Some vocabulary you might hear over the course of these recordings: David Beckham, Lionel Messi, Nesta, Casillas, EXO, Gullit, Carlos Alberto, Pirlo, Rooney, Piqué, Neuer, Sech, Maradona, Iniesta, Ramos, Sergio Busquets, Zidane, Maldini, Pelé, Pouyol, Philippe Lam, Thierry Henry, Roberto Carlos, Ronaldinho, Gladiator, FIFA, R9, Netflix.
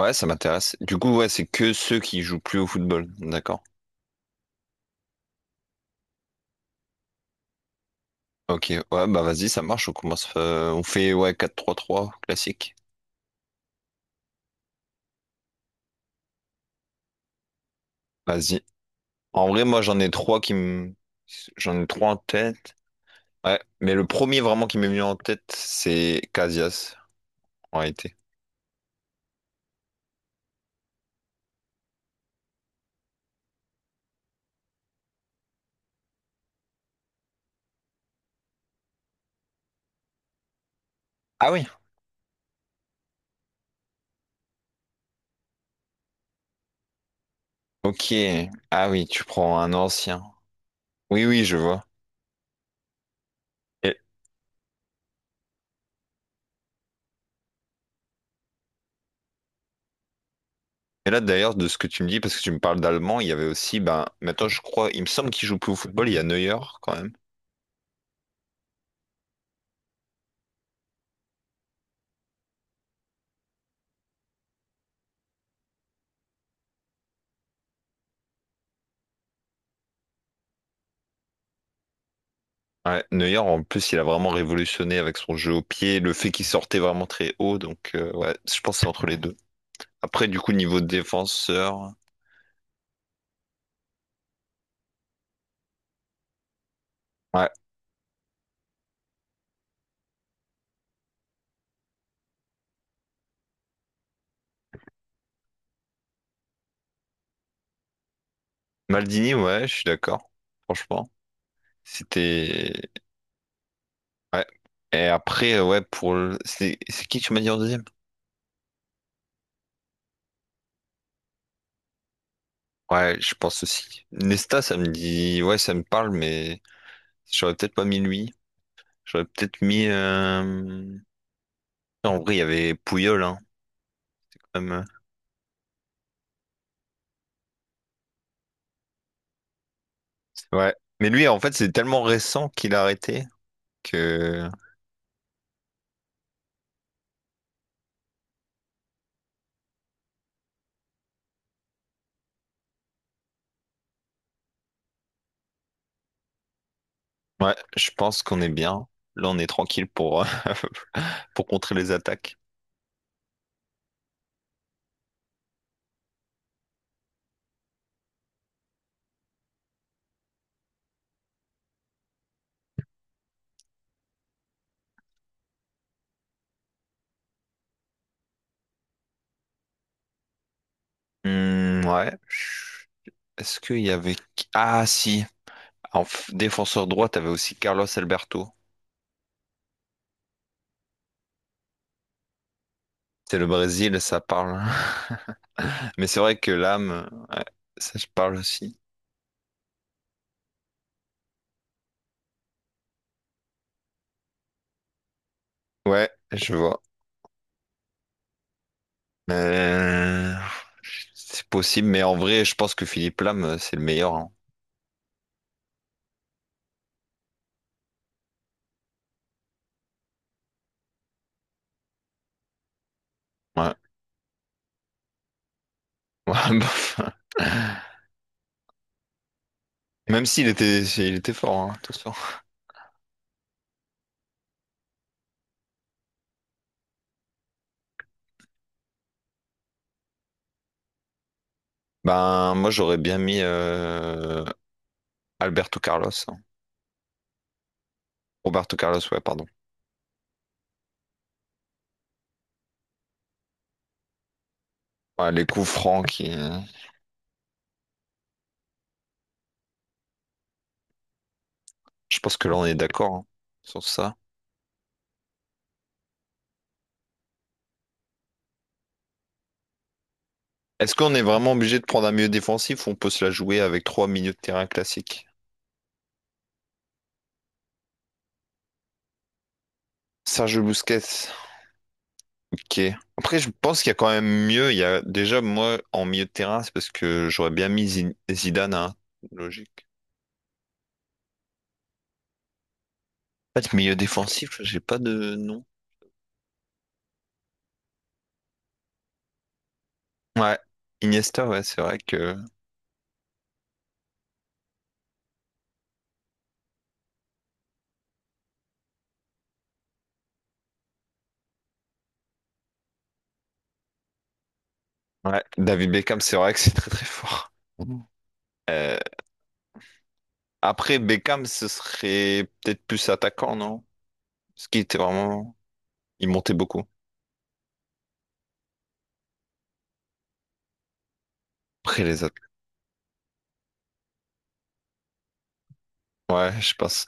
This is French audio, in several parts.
Ouais, ça m'intéresse. Du coup, ouais, c'est que ceux qui jouent plus au football. D'accord. Ok, ouais, bah vas-y, ça marche. On commence. On fait, ouais, quatre trois trois classique. Vas-y. En vrai, moi, j'en ai trois en tête. Ouais, mais le premier vraiment qui m'est venu en tête, c'est Casillas en réalité. Ah oui. Ok. Ah oui, tu prends un ancien. Oui, oui, je vois. Et, Et là, d'ailleurs, de ce que tu me dis, parce que tu me parles d'allemand, il y avait aussi, ben, maintenant, je crois, il me semble qu'il joue plus au football, il y a Neuer, quand même. Ouais, Neuer, en plus, il a vraiment révolutionné avec son jeu au pied, le fait qu'il sortait vraiment très haut, donc, ouais, je pense que c'est entre les deux. Après, du coup, niveau défenseur, ouais, Maldini, ouais, je suis d'accord, franchement. C'était, ouais. Et après, ouais, pour le... C'est qui que tu m'as dit en deuxième? Ouais, je pense aussi. Nesta, ça me dit, ouais, ça me parle, mais j'aurais peut-être pas mis lui. J'aurais peut-être mis. En vrai, il y avait Pouyol, hein, comme, euh, ouais. Mais lui, en fait, c'est tellement récent qu'il a arrêté que. Ouais, je pense qu'on est bien. Là, on est tranquille pour, pour contrer les attaques. Hmm, ouais. Est-ce qu'il y avait. Ah, si. En défenseur droit, t'avais aussi Carlos Alberto. C'est le Brésil, ça parle. Mais c'est vrai que l'âme, ouais, ça je parle aussi. Ouais, je vois. Euh, c'est possible, mais en vrai, je pense que Philippe Lam, c'est le meilleur. Hein. Ouais. Ouais, bof. Même s'il était, il était fort, hein, attention. Ben, moi, j'aurais bien mis Alberto Carlos. Hein. Roberto Carlos, ouais, pardon. Ouais, les coups francs qui. Je pense que là, on est d'accord, hein, sur ça. Est-ce qu'on est vraiment obligé de prendre un milieu défensif ou on peut se la jouer avec trois milieux de terrain classiques? Sergio Busquets. Ok. Après, je pense qu'il y a quand même mieux. Il y a déjà moi en milieu de terrain, c'est parce que j'aurais bien mis Zidane, hein. Logique. En fait, milieu défensif, j'ai pas de nom. Ouais. Iniesta, ouais, c'est vrai que. Ouais. David Beckham, c'est vrai que c'est très très fort. Mhm. Euh, Après Beckham, ce serait peut-être plus attaquant, non? Parce qu'il était vraiment, il montait beaucoup. Après les autres. Ouais, je pense.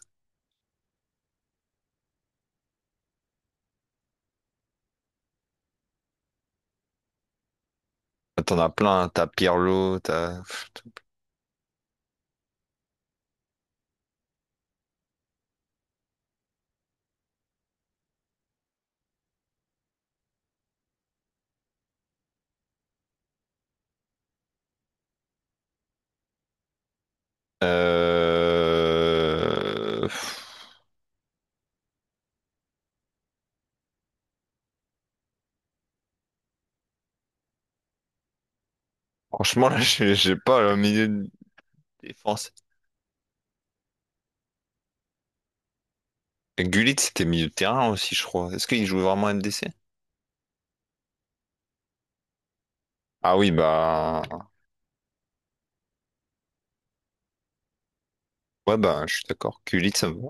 T'en as plein. Hein. T'as Pirlo, t'as. Euh... Franchement, là, j'ai pas le milieu de défense. Et Gullit, c'était milieu de terrain aussi, je crois. Est-ce qu'il joue vraiment MDC? Ah oui, bah. Ouais, bah, je suis d'accord. Gullit, ça me va.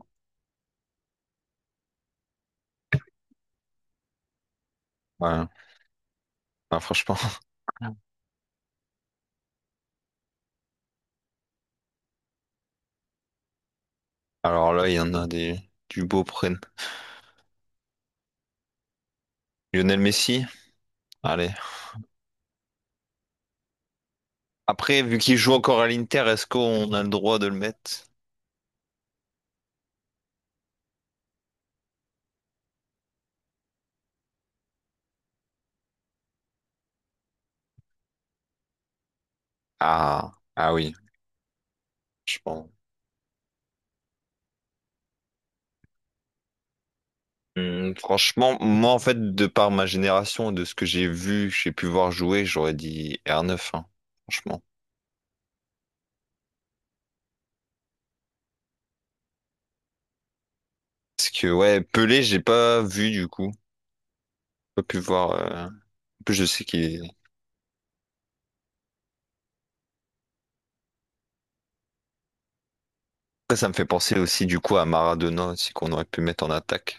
Ouais, bah, franchement. Alors là, il y en a des... du beau prenne. Lionel Messi? Allez. Après, vu qu'il joue encore à l'Inter, est-ce qu'on a le droit de le mettre? Ah, ah oui, je pense. Franchement, moi, en fait, de par ma génération, de ce que j'ai vu, j'ai pu voir jouer, j'aurais dit R9, hein, franchement. Parce que ouais, Pelé, j'ai pas vu du coup. J'ai pas pu voir. En plus, je sais qu'il est. Après, ça me fait penser aussi du coup à Maradona aussi qu'on aurait pu mettre en attaque.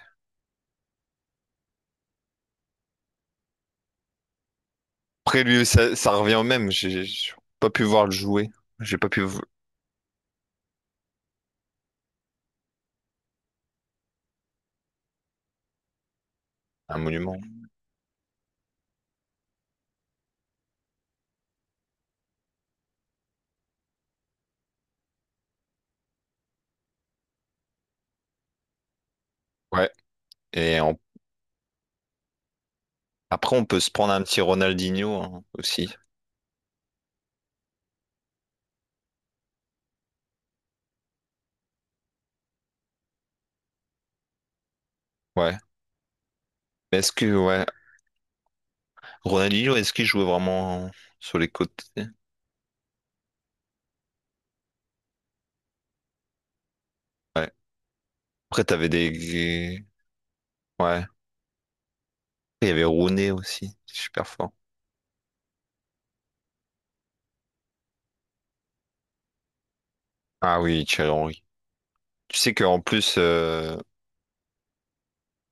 Après lui, ça revient au même. J'ai pas pu voir le jouer. J'ai pas pu. V- Un monument. Ouais. Et on- après, on peut se prendre un petit Ronaldinho, hein, aussi. Ouais. Mais Ronaldinho, est-ce qu'il jouait vraiment sur les côtés? Ouais. Après, t'avais des. Ouais. Il y avait Rooney aussi, super fort. Ah oui, Thierry Henry. Tu sais qu'en plus.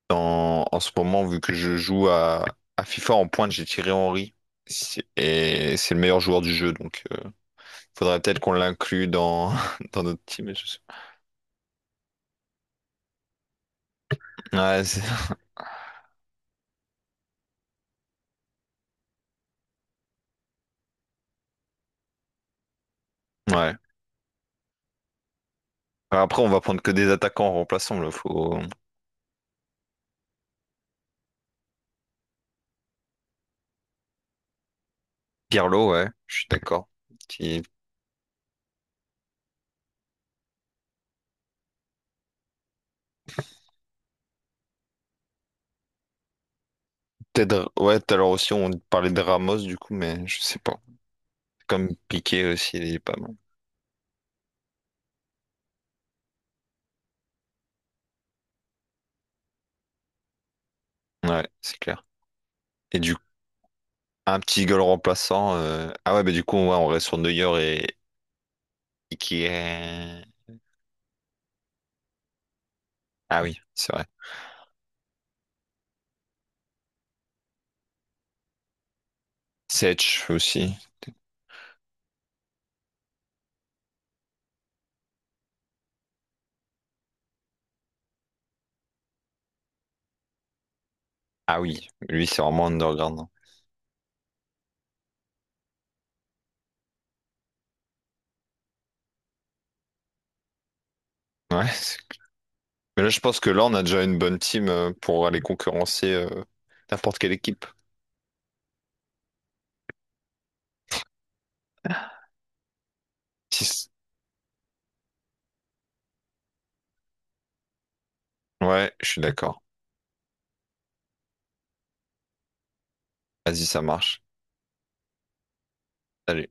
En, en ce moment, vu que je joue à FIFA en pointe, j'ai tiré Henry. Si- Et c'est le meilleur joueur du jeu, donc faudrait peut-être qu'on l'inclue dans, dans notre team. Je sais pas. Ouais, c'est- ouais. Enfin, après, on va prendre que des attaquants remplaçants. Remplaçant. Là. Faut... Pirlo, ouais, je suis d'accord. Qui... Peut-être, ouais, tout à l'heure aussi, on parlait de Ramos, du coup, mais je sais pas. Comme Piqué aussi, il est pas mal. Ouais, c'est clair. Et du coup, un petit goal remplaçant. Ah ouais, mais du coup, ouais, on reste sur Neuer et qui est. Ah oui, c'est vrai. Sech aussi. Ah oui, lui, c'est vraiment underground. Hein. Ouais. c'est- Mais là, je pense que là, on a déjà une bonne team pour aller concurrencer n'importe quelle équipe. Si c- Ouais, je suis d'accord. Vas-y, ça marche. Allez.